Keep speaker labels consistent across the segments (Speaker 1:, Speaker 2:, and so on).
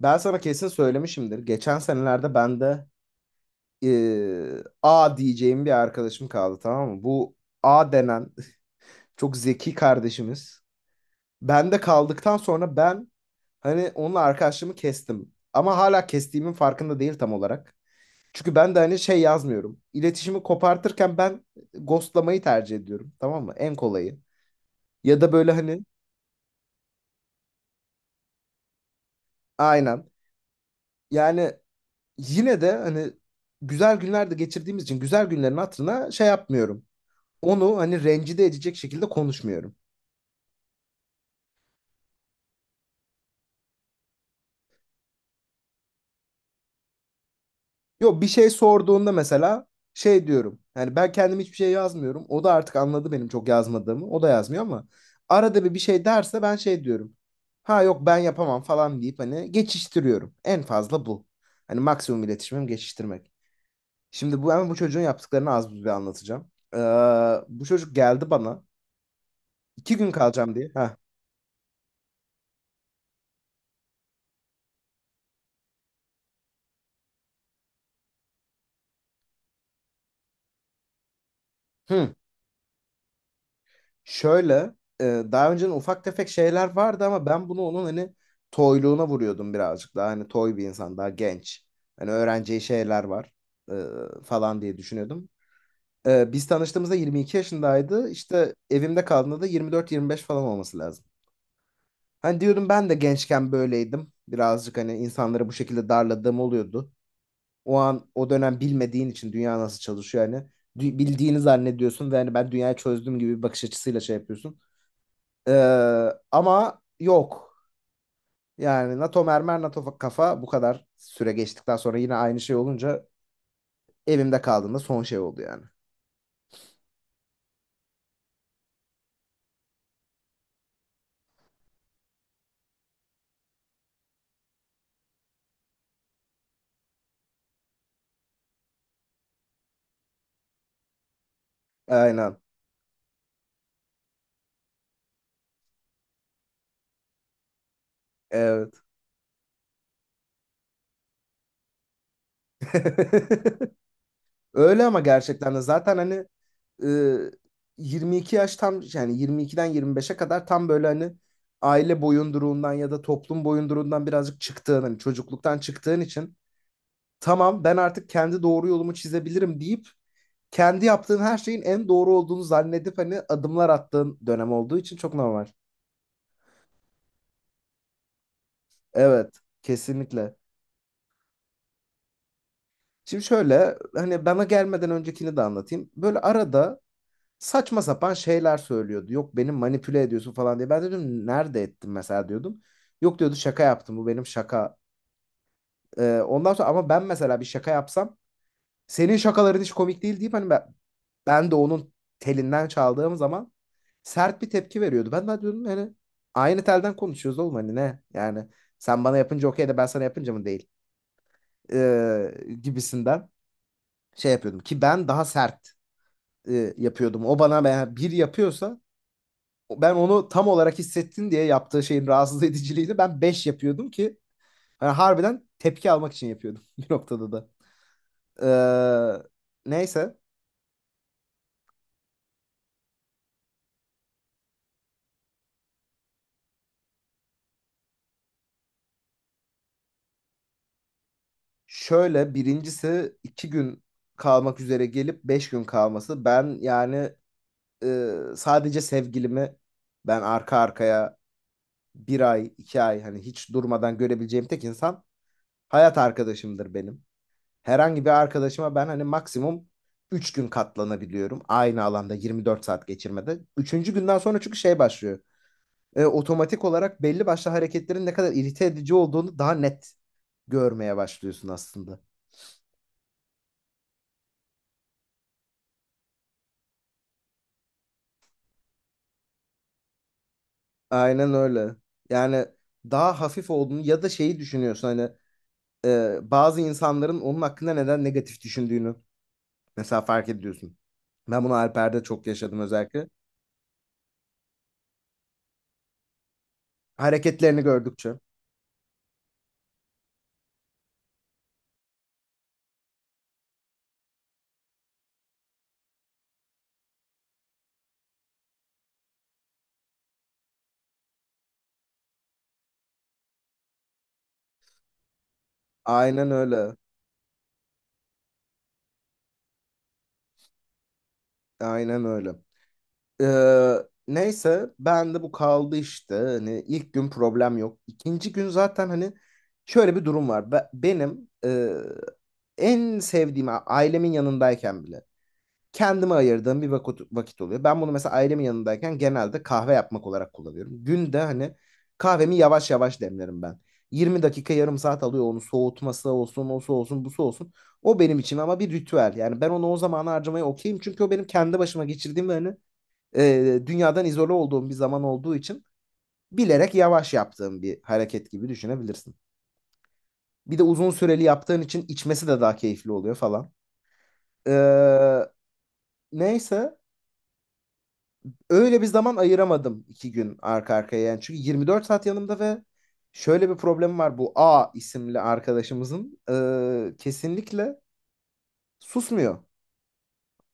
Speaker 1: Ben sana kesin söylemişimdir. Geçen senelerde ben de A diyeceğim bir arkadaşım kaldı, tamam mı? Bu A denen çok zeki kardeşimiz. Ben de kaldıktan sonra ben hani onunla arkadaşlığımı kestim. Ama hala kestiğimin farkında değil tam olarak. Çünkü ben de hani şey yazmıyorum. İletişimi kopartırken ben ghostlamayı tercih ediyorum, tamam mı? En kolayı. Ya da böyle hani. Aynen. Yani yine de hani güzel günlerde geçirdiğimiz için güzel günlerin hatırına şey yapmıyorum. Onu hani rencide edecek şekilde konuşmuyorum. Yok, bir şey sorduğunda mesela şey diyorum. Yani ben kendim hiçbir şey yazmıyorum. O da artık anladı benim çok yazmadığımı. O da yazmıyor ama arada bir bir şey derse ben şey diyorum. Ha yok, ben yapamam falan deyip hani geçiştiriyorum. En fazla bu. Hani maksimum iletişimim geçiştirmek. Şimdi bu çocuğun yaptıklarını az buz bir anlatacağım. Ee, bu çocuk geldi bana. İki gün kalacağım diye. Ha. Hı. Şöyle daha önceden ufak tefek şeyler vardı ama ben bunu onun hani toyluğuna vuruyordum, birazcık daha hani toy bir insan, daha genç. Hani öğreneceği şeyler var e, falan diye düşünüyordum. Biz tanıştığımızda 22 yaşındaydı, işte evimde kaldığında da 24-25 falan olması lazım. Hani diyordum ben de gençken böyleydim birazcık, hani insanları bu şekilde darladığım oluyordu. O an o dönem bilmediğin için dünya nasıl çalışıyor, hani bildiğini zannediyorsun ve hani ben dünyayı çözdüm gibi bir bakış açısıyla şey yapıyorsun. Ama yok. Yani NATO mermer, NATO kafa, bu kadar süre geçtikten sonra yine aynı şey olunca evimde kaldığında son şey oldu yani. Aynen. Evet. Öyle, ama gerçekten de zaten hani e, 22 yaş tam, yani 22'den 25'e kadar tam böyle hani aile boyunduruğundan ya da toplum boyunduruğundan birazcık çıktığın, hani çocukluktan çıktığın için tamam ben artık kendi doğru yolumu çizebilirim deyip kendi yaptığın her şeyin en doğru olduğunu zannedip hani adımlar attığın dönem olduğu için çok normal. Evet, kesinlikle. Şimdi şöyle, hani bana gelmeden öncekini de anlatayım. Böyle arada saçma sapan şeyler söylüyordu. Yok, beni manipüle ediyorsun falan diye. Ben de dedim nerede ettim mesela diyordum. Yok diyordu, şaka yaptım, bu benim şaka. Ondan sonra ama ben mesela bir şaka yapsam senin şakaların hiç komik değil deyip hani ben de onun telinden çaldığım zaman sert bir tepki veriyordu. Ben de diyordum hani aynı telden konuşuyoruz oğlum, hani ne? Yani sen bana yapınca okey de ben sana yapınca mı değil? Ee, gibisinden şey yapıyordum ki ben daha sert yapıyordum. O bana, ben yani bir yapıyorsa ben onu tam olarak hissettin diye yaptığı şeyin rahatsız ediciliğini ben beş yapıyordum ki yani harbiden tepki almak için yapıyordum bir noktada da. Ee, neyse. Şöyle, birincisi iki gün kalmak üzere gelip beş gün kalması. Ben yani sadece sevgilimi, ben arka arkaya bir ay iki ay hani hiç durmadan görebileceğim tek insan hayat arkadaşımdır benim. Herhangi bir arkadaşıma ben hani maksimum üç gün katlanabiliyorum. Aynı alanda 24 saat geçirmede. Üçüncü günden sonra çünkü şey başlıyor. Otomatik olarak belli başlı hareketlerin ne kadar irite edici olduğunu daha net görmeye başlıyorsun aslında. Aynen öyle. Yani daha hafif olduğunu ya da şeyi düşünüyorsun, hani bazı insanların onun hakkında neden negatif düşündüğünü mesela fark ediyorsun. Ben bunu Alper'de çok yaşadım özellikle. Hareketlerini gördükçe. Aynen öyle. Aynen öyle. Ee, neyse ben de bu kaldı işte. Hani ilk gün problem yok. İkinci gün zaten hani şöyle bir durum var. Benim en sevdiğim, ailemin yanındayken bile kendime ayırdığım bir vakit oluyor. Ben bunu mesela ailemin yanındayken genelde kahve yapmak olarak kullanıyorum. Günde hani kahvemi yavaş yavaş demlerim ben. 20 dakika yarım saat alıyor onu, soğutması olsun, osu olsun, busu olsun. O benim için ama bir ritüel. Yani ben onu o zamana harcamaya okeyim. Çünkü o benim kendi başıma geçirdiğim ve hani dünyadan izole olduğum bir zaman olduğu için bilerek yavaş yaptığım bir hareket gibi düşünebilirsin. Bir de uzun süreli yaptığın için içmesi de daha keyifli oluyor falan. Ee, neyse öyle bir zaman ayıramadım iki gün arka arkaya yani. Çünkü 24 saat yanımda ve şöyle bir problem var, bu A isimli arkadaşımızın, kesinlikle susmuyor.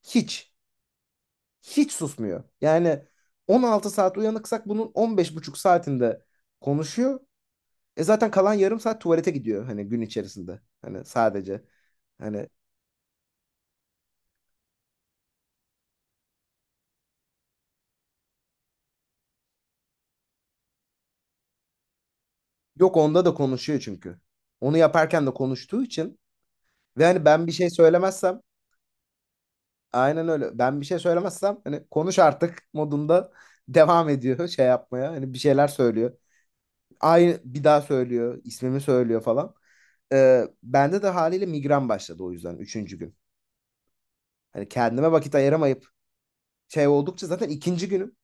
Speaker 1: Hiç. Hiç susmuyor. Yani 16 saat uyanıksak bunun 15 buçuk saatinde konuşuyor. Zaten kalan yarım saat tuvalete gidiyor hani gün içerisinde. Hani sadece. Hani yok, onda da konuşuyor çünkü. Onu yaparken de konuştuğu için ve hani ben bir şey söylemezsem. Aynen öyle. Ben bir şey söylemezsem hani konuş artık modunda devam ediyor şey yapmaya. Hani bir şeyler söylüyor. Aynı bir daha söylüyor, ismimi söylüyor falan. Bende de haliyle migren başladı, o yüzden üçüncü gün. Hani kendime vakit ayıramayıp şey oldukça zaten ikinci günüm.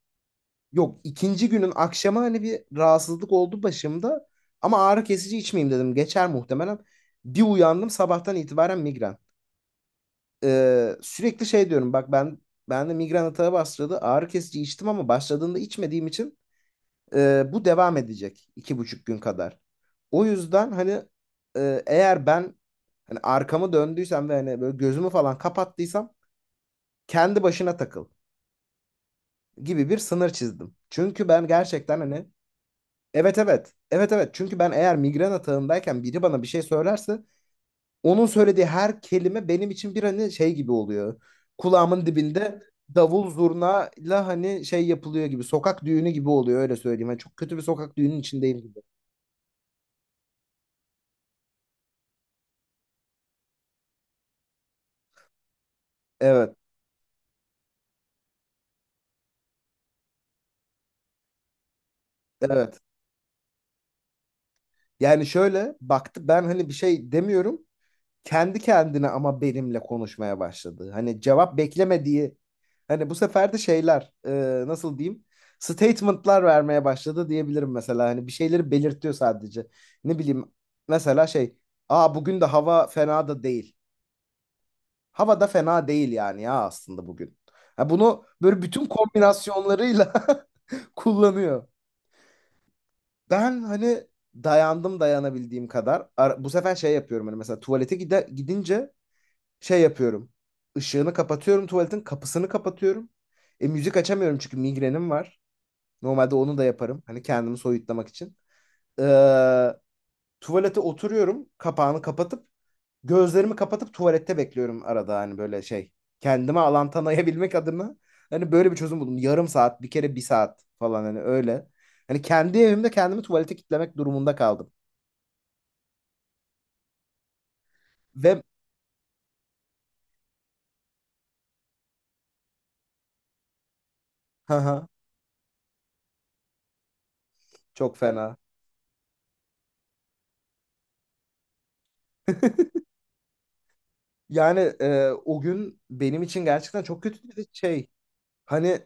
Speaker 1: Yok, ikinci günün akşamı hani bir rahatsızlık oldu başımda. Ama ağrı kesici içmeyeyim dedim, geçer muhtemelen. Bir uyandım sabahtan itibaren migren. Sürekli şey diyorum, bak ben de migren atağı bastırdı. Ağrı kesici içtim ama başladığında içmediğim için bu devam edecek iki buçuk gün kadar. O yüzden hani eğer ben hani arkamı döndüysem ve hani böyle gözümü falan kapattıysam kendi başına takıl gibi bir sınır çizdim. Çünkü ben gerçekten hani. Evet, evet, evet, evet. Çünkü ben eğer migren atağındayken biri bana bir şey söylerse, onun söylediği her kelime benim için bir hani şey gibi oluyor. Kulağımın dibinde davul zurnayla hani şey yapılıyor gibi. Sokak düğünü gibi oluyor, öyle söyleyeyim. Hani çok kötü bir sokak düğünün içindeyim gibi. Evet, evet. Yani şöyle baktı, ben hani bir şey demiyorum. Kendi kendine ama benimle konuşmaya başladı. Hani cevap beklemediği. Hani bu sefer de şeyler, nasıl diyeyim? Statement'lar vermeye başladı diyebilirim mesela. Hani bir şeyleri belirtiyor sadece. Ne bileyim, mesela şey. Aa, bugün de hava fena da değil. Hava da fena değil yani, ya aslında bugün. Ha, bunu böyle bütün kombinasyonlarıyla kullanıyor. Ben hani dayandım dayanabildiğim kadar. Bu sefer şey yapıyorum, hani mesela tuvalete gide gidince şey yapıyorum. Işığını kapatıyorum, tuvaletin kapısını kapatıyorum. Müzik açamıyorum çünkü migrenim var. Normalde onu da yaparım, hani kendimi soyutlamak için. Ee, tuvalete oturuyorum. Kapağını kapatıp gözlerimi kapatıp tuvalette bekliyorum arada hani böyle şey. Kendime alan tanıyabilmek adına hani böyle bir çözüm buldum. Yarım saat, bir kere bir saat falan hani öyle. Hani kendi evimde kendimi tuvalete kitlemek durumunda kaldım. Ve haha, çok fena. Yani o gün benim için gerçekten çok kötü bir şey. Hani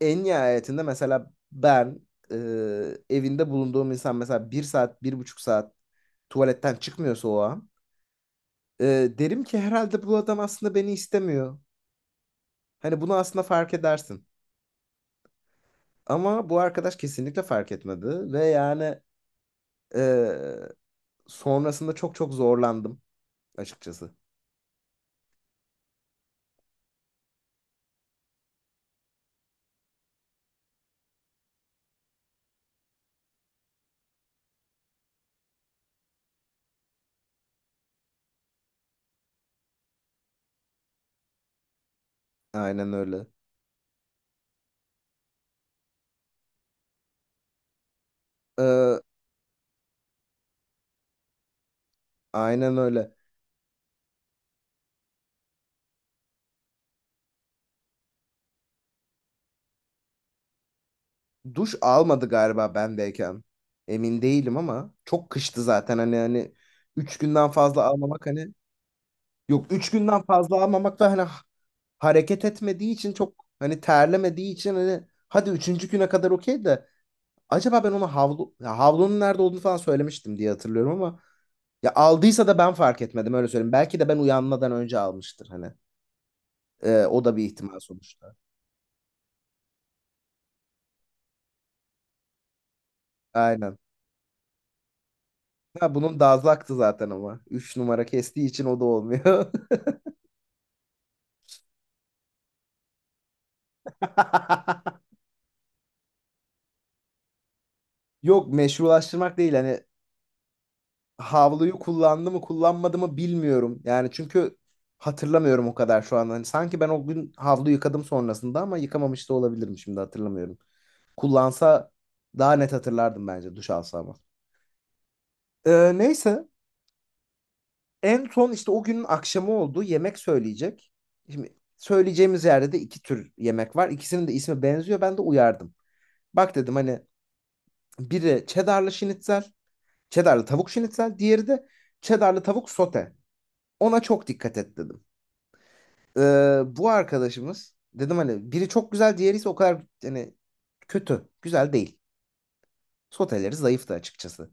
Speaker 1: en nihayetinde mesela ben, e, evinde bulunduğum insan mesela bir saat, bir buçuk saat tuvaletten çıkmıyorsa o an e, derim ki herhalde bu adam aslında beni istemiyor. Hani bunu aslında fark edersin. Ama bu arkadaş kesinlikle fark etmedi ve yani e, sonrasında çok çok zorlandım açıkçası. Aynen öyle. Ee, aynen öyle. Duş almadı galiba bendeyken. Emin değilim ama çok kıştı zaten, hani 3 günden fazla almamak hani, yok 3 günden fazla almamak da hani hareket etmediği için, çok hani terlemediği için hani hadi üçüncü güne kadar okey de acaba ben ona havlu ya havlunun nerede olduğunu falan söylemiştim diye hatırlıyorum ama, Ya aldıysa da ben fark etmedim, öyle söyleyeyim. Belki de ben uyanmadan önce almıştır hani. O da bir ihtimal sonuçta. Aynen. Ha, bunun dazaktı zaten ama. Üç numara kestiği için o da olmuyor. Yok, meşrulaştırmak değil, hani havluyu kullandı mı kullanmadı mı bilmiyorum. Yani çünkü hatırlamıyorum o kadar şu an. Hani sanki ben o gün havlu yıkadım sonrasında ama yıkamamış da olabilirim, şimdi hatırlamıyorum. Kullansa daha net hatırlardım bence, duş alsa ama. Neyse en son işte o günün akşamı oldu, yemek söyleyecek. Şimdi söyleyeceğimiz yerde de iki tür yemek var. İkisinin de ismi benziyor, ben de uyardım. Bak dedim hani, biri cheddarlı şinitzel, cheddarlı tavuk şinitzel, diğeri de cheddarlı tavuk sote. Ona çok dikkat et dedim. Bu arkadaşımız dedim, hani biri çok güzel, diğeri ise o kadar hani kötü, güzel değil. Soteleri zayıftı açıkçası.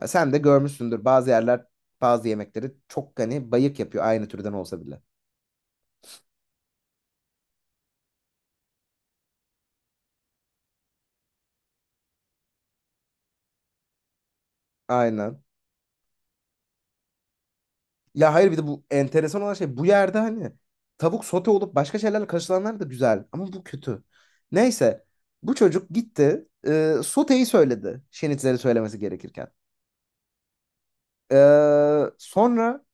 Speaker 1: Ya sen de görmüşsündür, bazı yerler bazı yemekleri çok hani bayık yapıyor aynı türden olsa bile. Aynen. Ya hayır, bir de bu enteresan olan şey, bu yerde hani tavuk sote olup başka şeylerle karışılanlar da güzel ama bu kötü. Neyse, bu çocuk gitti, soteyi söyledi şenitleri söylemesi gerekirken. E, sonra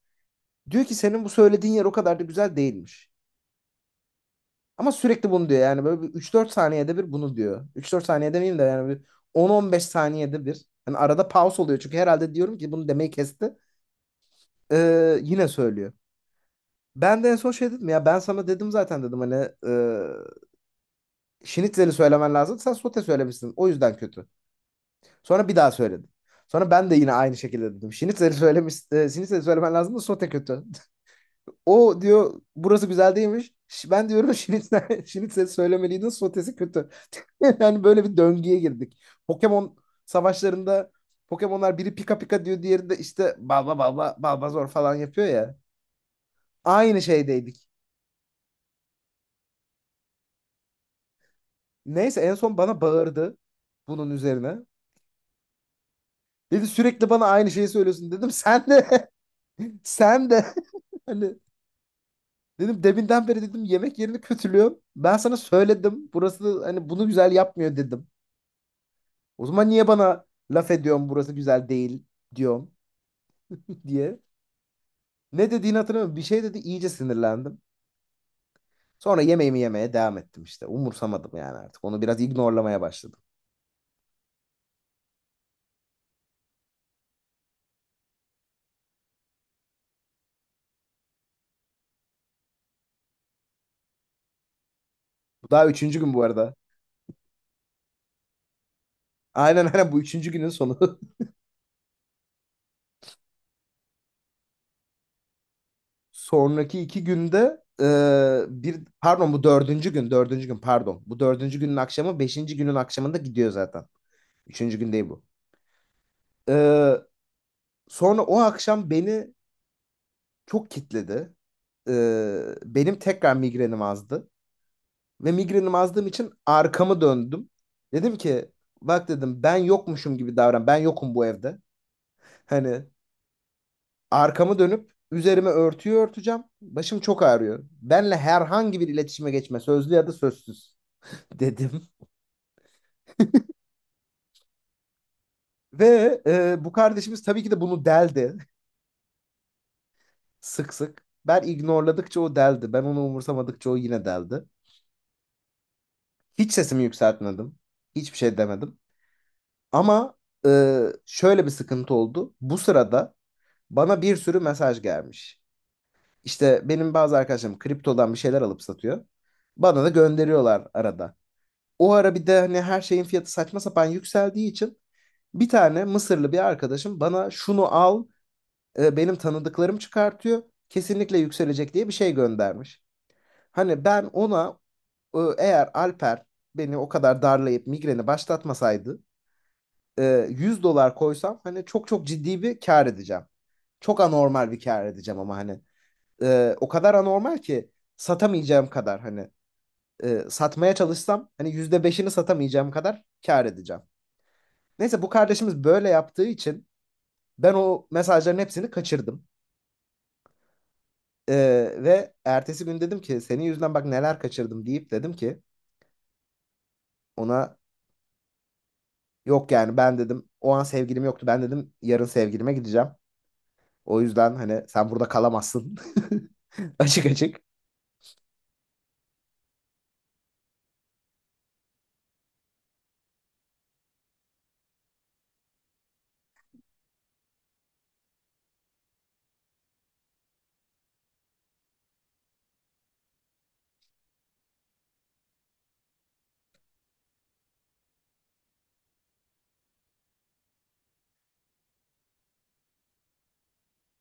Speaker 1: diyor ki senin bu söylediğin yer o kadar da güzel değilmiş. Ama sürekli bunu diyor, yani böyle bir 3-4 saniyede bir bunu diyor. Üç dört saniyede demeyeyim de yani bir on on beş saniyede bir. Hani arada pause oluyor çünkü, herhalde diyorum ki bunu demeyi kesti. Yine söylüyor. Ben de en son şey dedim, ya ben sana dedim zaten, dedim hani e, şnitzeli söylemen lazım, sen sote söylemişsin, o yüzden kötü. Sonra bir daha söyledim. Sonra ben de yine aynı şekilde dedim. Şnitzeli söylemiş, şnitzeli söylemen lazım da sote kötü. O diyor burası güzel değilmiş. Ben diyorum şnitzel, şnitzeli söylemeliydin, sotesi kötü. Yani böyle bir döngüye girdik. Pokemon savaşlarında Pokemon'lar biri pika pika diyor, diğeri de işte balba balba balba zor falan yapıyor ya. Aynı şeydeydik. Neyse en son bana bağırdı bunun üzerine. Dedi sürekli bana aynı şeyi söylüyorsun, dedim. Sen de sen de hani dedim, deminden beri dedim yemek yerini kötülüyorum. Ben sana söyledim, burası hani bunu güzel yapmıyor dedim. O zaman niye bana laf ediyorsun burası güzel değil diyorum diye. Ne dediğini hatırlamıyorum, bir şey dedi, iyice sinirlendim. Sonra yemeğimi yemeye devam ettim işte. Umursamadım yani artık. Onu biraz ignorlamaya başladım. Bu daha üçüncü gün bu arada. Aynen, aynen, bu üçüncü günün sonu. Sonraki iki günde bir pardon, bu dördüncü gün, dördüncü gün pardon, bu dördüncü günün akşamı beşinci günün akşamında gidiyor zaten. Üçüncü gün değil bu. E, sonra o akşam beni çok kitledi. E, benim tekrar migrenim azdı ve migrenim azdığım için arkamı döndüm. Dedim ki bak dedim ben yokmuşum gibi davran, ben yokum bu evde. Hani arkamı dönüp üzerime örtüyü örteceğim. Başım çok ağrıyor. Benle herhangi bir iletişime geçme, sözlü ya da sözsüz, dedim. Ve bu kardeşimiz tabii ki de bunu deldi sık sık. Ben ignorladıkça o deldi. Ben onu umursamadıkça o yine deldi. Hiç sesimi yükseltmedim. Hiçbir şey demedim. Ama e, şöyle bir sıkıntı oldu. Bu sırada bana bir sürü mesaj gelmiş. İşte benim bazı arkadaşlarım kriptodan bir şeyler alıp satıyor. Bana da gönderiyorlar arada. O ara bir de hani her şeyin fiyatı saçma sapan yükseldiği için bir tane Mısırlı bir arkadaşım, bana şunu al, benim tanıdıklarım çıkartıyor, kesinlikle yükselecek diye bir şey göndermiş. Hani ben ona, eğer Alper beni o kadar darlayıp migreni başlatmasaydı, 100 dolar koysam hani çok çok ciddi bir kar edeceğim. Çok anormal bir kar edeceğim ama hani o kadar anormal ki satamayacağım kadar, hani satmaya çalışsam hani yüzde beşini satamayacağım kadar kar edeceğim. Neyse bu kardeşimiz böyle yaptığı için ben o mesajların hepsini kaçırdım. Ee, ve ertesi gün dedim ki senin yüzünden bak neler kaçırdım deyip, dedim ki ona, yok yani ben dedim, o an sevgilim yoktu, ben dedim yarın sevgilime gideceğim. O yüzden hani sen burada kalamazsın. Açık açık.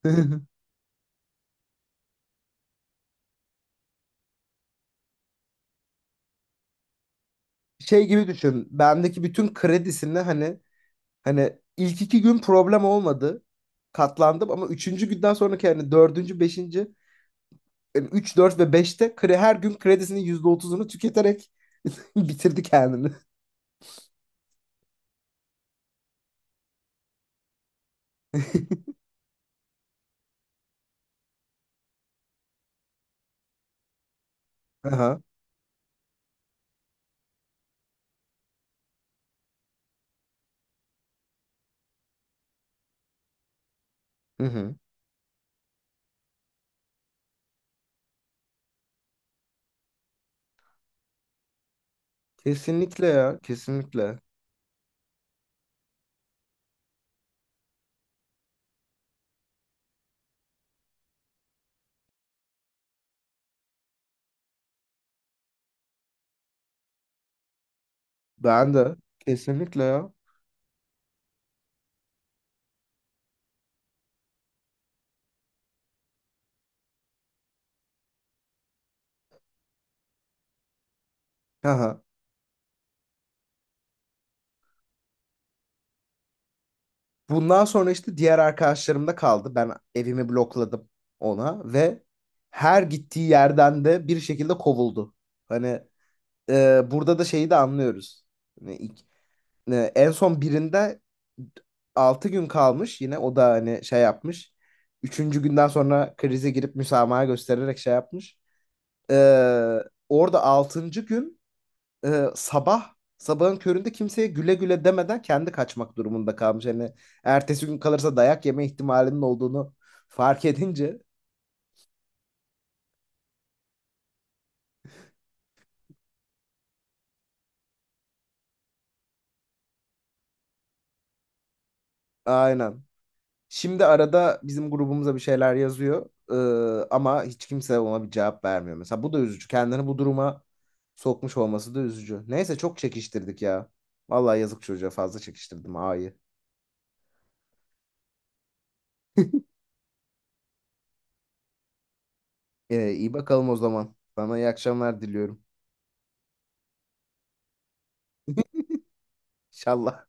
Speaker 1: Şey gibi düşün. Bendeki bütün kredisini hani ilk iki gün problem olmadı. Katlandım, ama üçüncü günden sonraki hani dördüncü, beşinci, yani üç, dört ve beşte her gün kredisinin yüzde otuzunu tüketerek bitirdi kendini. Aha. Hı hı. Kesinlikle ya, kesinlikle. Ben de kesinlikle ya. Aha. Bundan sonra işte diğer arkadaşlarım da kaldı. Ben evimi blokladım ona ve her gittiği yerden de bir şekilde kovuldu. Hani burada da şeyi de anlıyoruz. Hani en son birinde 6 gün kalmış yine, o da hani şey yapmış. Üçüncü günden sonra krize girip müsamaha göstererek şey yapmış. Ee, orada altıncı gün sabah sabahın köründe kimseye güle güle demeden kendi kaçmak durumunda kalmış. Hani ertesi gün kalırsa dayak yeme ihtimalinin olduğunu fark edince. Aynen. Şimdi arada bizim grubumuza bir şeyler yazıyor ama hiç kimse ona bir cevap vermiyor. Mesela bu da üzücü. Kendini bu duruma sokmuş olması da üzücü. Neyse çok çekiştirdik ya. Vallahi yazık çocuğa, fazla çekiştirdim ağayı. E, iyi bakalım o zaman. Sana iyi akşamlar diliyorum. İnşallah.